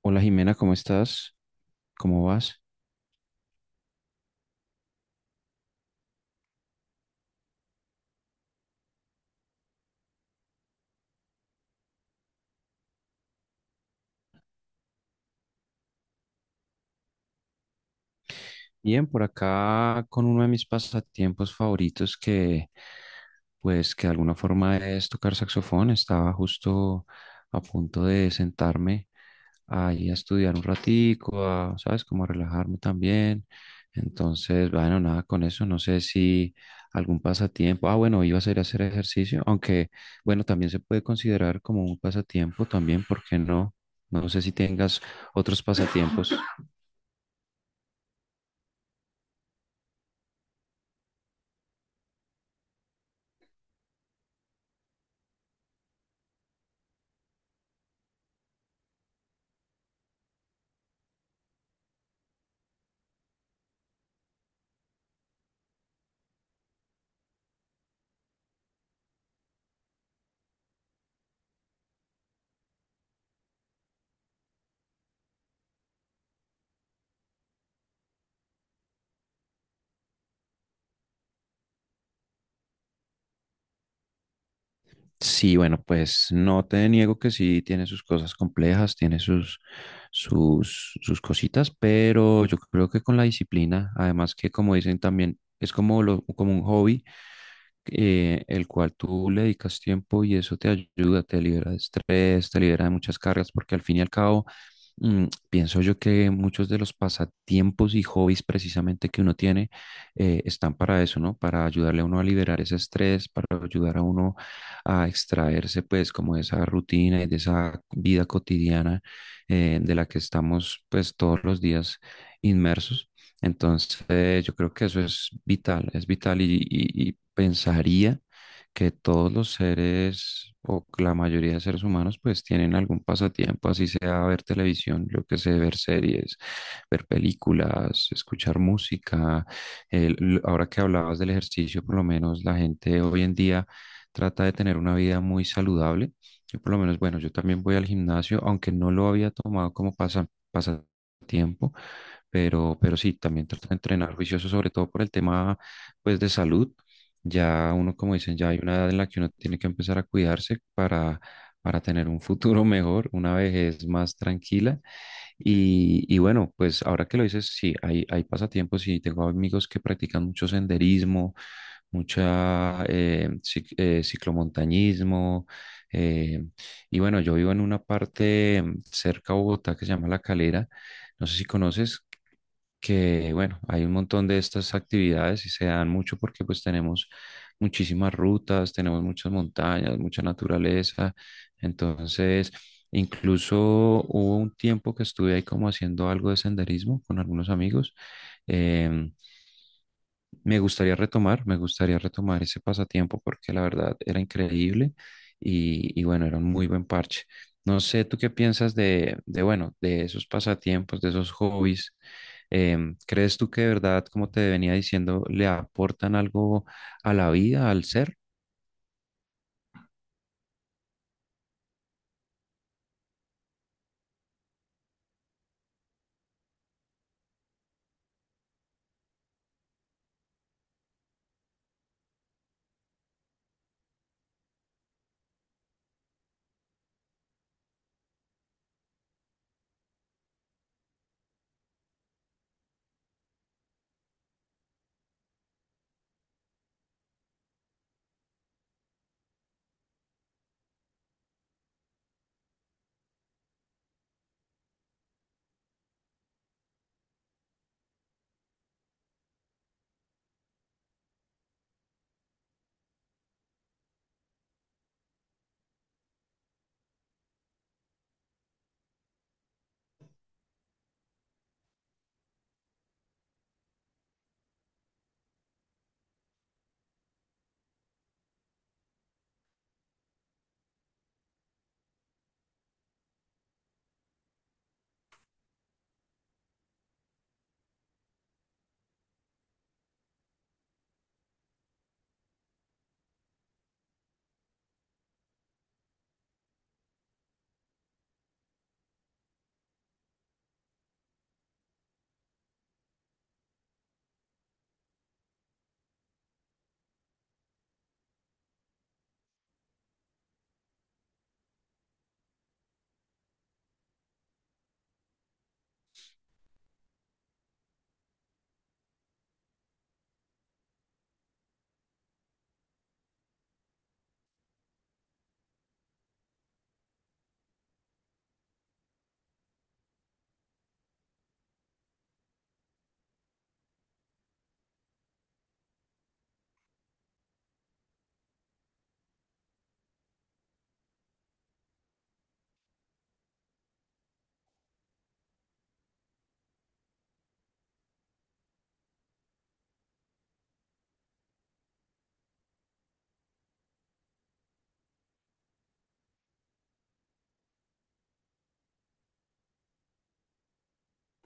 Hola Jimena, ¿cómo estás? ¿Cómo vas? Bien, por acá con uno de mis pasatiempos favoritos que pues que de alguna forma es tocar saxofón. Estaba justo a punto de sentarme ahí a estudiar un ratico, a, ¿sabes? Como a relajarme también. Entonces, bueno, nada con eso. No sé si algún pasatiempo. Ah, bueno, iba a ser hacer ejercicio, aunque bueno, también se puede considerar como un pasatiempo también, ¿por qué no? No sé si tengas otros pasatiempos. Sí, bueno, pues no te niego que sí tiene sus cosas complejas, tiene sus cositas, pero yo creo que con la disciplina, además que como dicen también, es como, lo, como un hobby, el cual tú le dedicas tiempo y eso te ayuda, libera de estrés, te libera de muchas cargas porque al fin y al cabo. Pienso yo que muchos de los pasatiempos y hobbies precisamente que uno tiene están para eso, ¿no? Para ayudarle a uno a liberar ese estrés, para ayudar a uno a extraerse pues como de esa rutina y de esa vida cotidiana, de la que estamos pues todos los días inmersos. Entonces yo creo que eso es vital y, y pensaría que todos los seres o la mayoría de seres humanos pues tienen algún pasatiempo, así sea ver televisión, yo que sé, ver series, ver películas, escuchar música. Ahora que hablabas del ejercicio, por lo menos la gente hoy en día trata de tener una vida muy saludable. Yo por lo menos, bueno, yo también voy al gimnasio, aunque no lo había tomado como pasatiempo, pero sí, también trato de entrenar juicioso, sobre todo por el tema pues de salud, ya uno, como dicen, ya hay una edad en la que uno tiene que empezar a cuidarse para tener un futuro mejor, una vejez más tranquila. Y bueno, pues ahora que lo dices, sí, hay pasatiempos y tengo amigos que practican mucho senderismo, mucha ciclomontañismo. eh, y bueno, yo vivo en una parte cerca a Bogotá que se llama La Calera. No sé si conoces, que bueno, hay un montón de estas actividades y se dan mucho porque pues tenemos muchísimas rutas, tenemos muchas montañas, mucha naturaleza. Entonces, incluso hubo un tiempo que estuve ahí como haciendo algo de senderismo con algunos amigos. em, Me gustaría retomar, me gustaría retomar ese pasatiempo porque la verdad era increíble y bueno, era un muy buen parche. No sé, ¿tú qué piensas de bueno, de esos pasatiempos, de esos hobbies? ¿Crees tú que de verdad, como te venía diciendo, le aportan algo a la vida, al ser?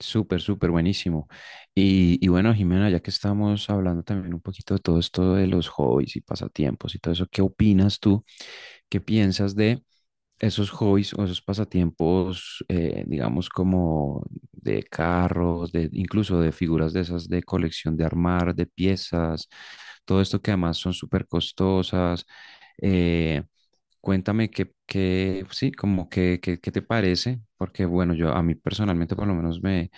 Súper, súper buenísimo. Y bueno, Jimena, ya que estamos hablando también un poquito de todo esto de los hobbies y pasatiempos y todo eso, ¿qué opinas tú? ¿Qué piensas de esos hobbies o esos pasatiempos, digamos, como de carros, de, incluso de figuras de esas de colección, de armar, de piezas, todo esto que además son súper costosas? Eh, Cuéntame qué, sí, como que, qué, qué te parece, porque bueno, yo a mí personalmente por lo menos me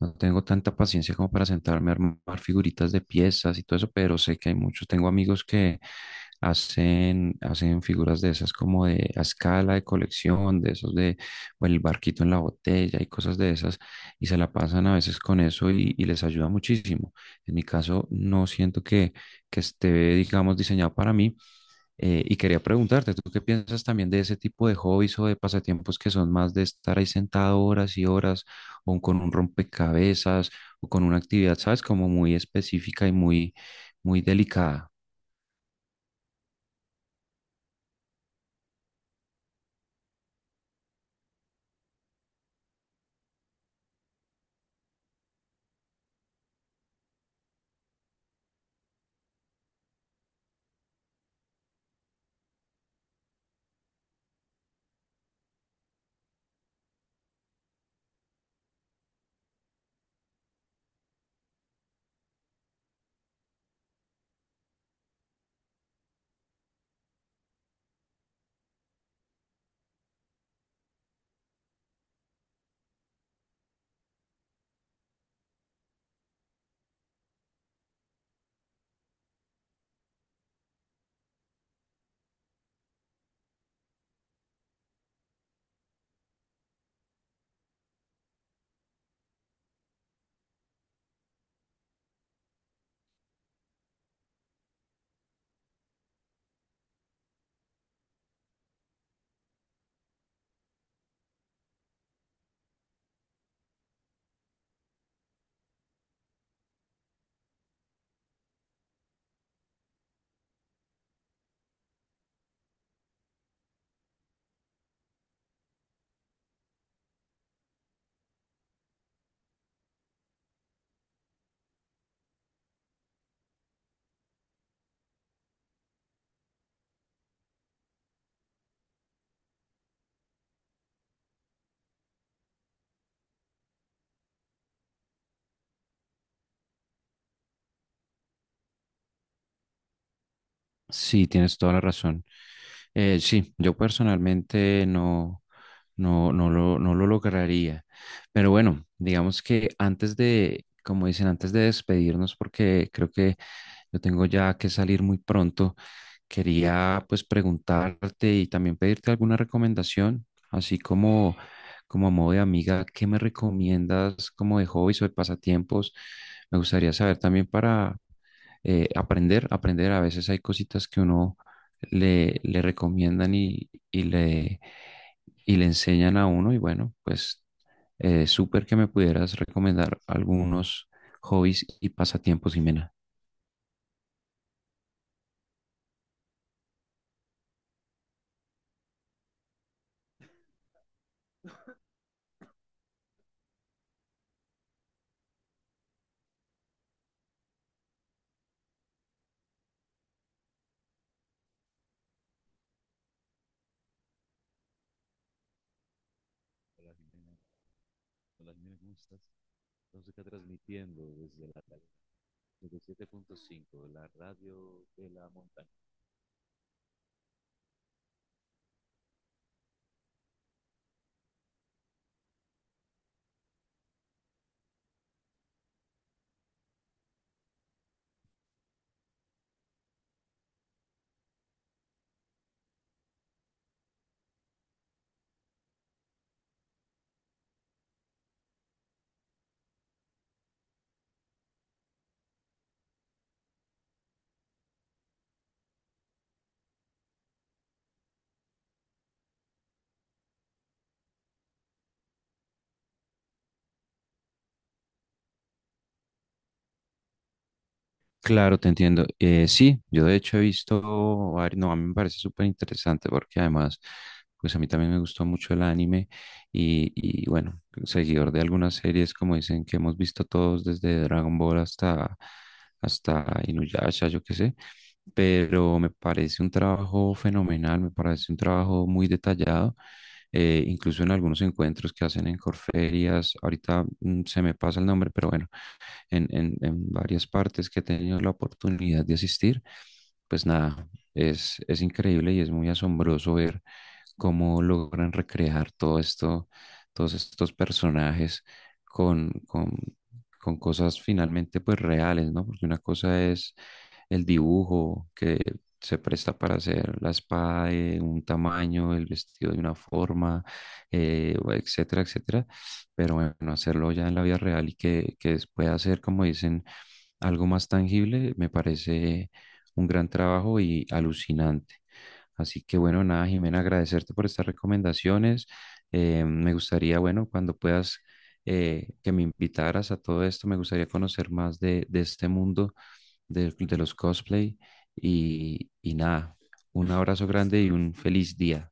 no tengo tanta paciencia como para sentarme a armar figuritas de piezas y todo eso, pero sé que hay muchos. Tengo amigos que hacen, hacen figuras de esas como de a escala de colección, de esos de o el barquito en la botella y cosas de esas, y se la pasan a veces con eso y les ayuda muchísimo. En mi caso, no siento que esté, digamos, diseñado para mí, y quería preguntarte, ¿tú qué piensas también de ese tipo de hobbies o de pasatiempos que son más de estar ahí sentado horas y horas o con un rompecabezas o con una actividad, sabes, como muy específica y muy, muy delicada? Sí, tienes toda la razón. Sí, yo personalmente no, no, no lo lograría. Pero bueno, digamos que antes de, como dicen, antes de despedirnos, porque creo que yo tengo ya que salir muy pronto, quería pues preguntarte y también pedirte alguna recomendación, así como, como a modo de amiga, ¿qué me recomiendas como de hobbies o de pasatiempos? Me gustaría saber también para aprender, aprender. A veces hay cositas que uno le, le recomiendan y le enseñan a uno. Y bueno, pues súper que me pudieras recomendar algunos hobbies y pasatiempos, Jimena. Claro, te entiendo. Sí, yo de hecho he visto, no, a mí me parece súper interesante porque además, pues a mí también me gustó mucho el anime y bueno, seguidor de algunas series, como dicen, que hemos visto todos desde Dragon Ball hasta, hasta Inuyasha, yo qué sé, pero me parece un trabajo fenomenal, me parece un trabajo muy detallado, incluso en algunos encuentros que hacen en Corferias, ahorita se me pasa el nombre, pero bueno, en varias partes que he tenido la oportunidad de asistir, pues nada, es increíble y es muy asombroso ver cómo logran recrear todo esto, todos estos personajes con, con, con cosas finalmente pues reales, ¿no? Porque una cosa es el dibujo que se presta para hacer la espada de un tamaño, el vestido de una forma, etcétera, etcétera, pero bueno, hacerlo ya en la vida real y que, pueda ser, como dicen, algo más tangible, me parece un gran trabajo y alucinante. Así que bueno, nada, Jimena, agradecerte por estas recomendaciones. Me gustaría, bueno, cuando puedas que me invitaras a todo esto, me gustaría conocer más de este mundo de los cosplay y nada, un abrazo grande y un feliz día.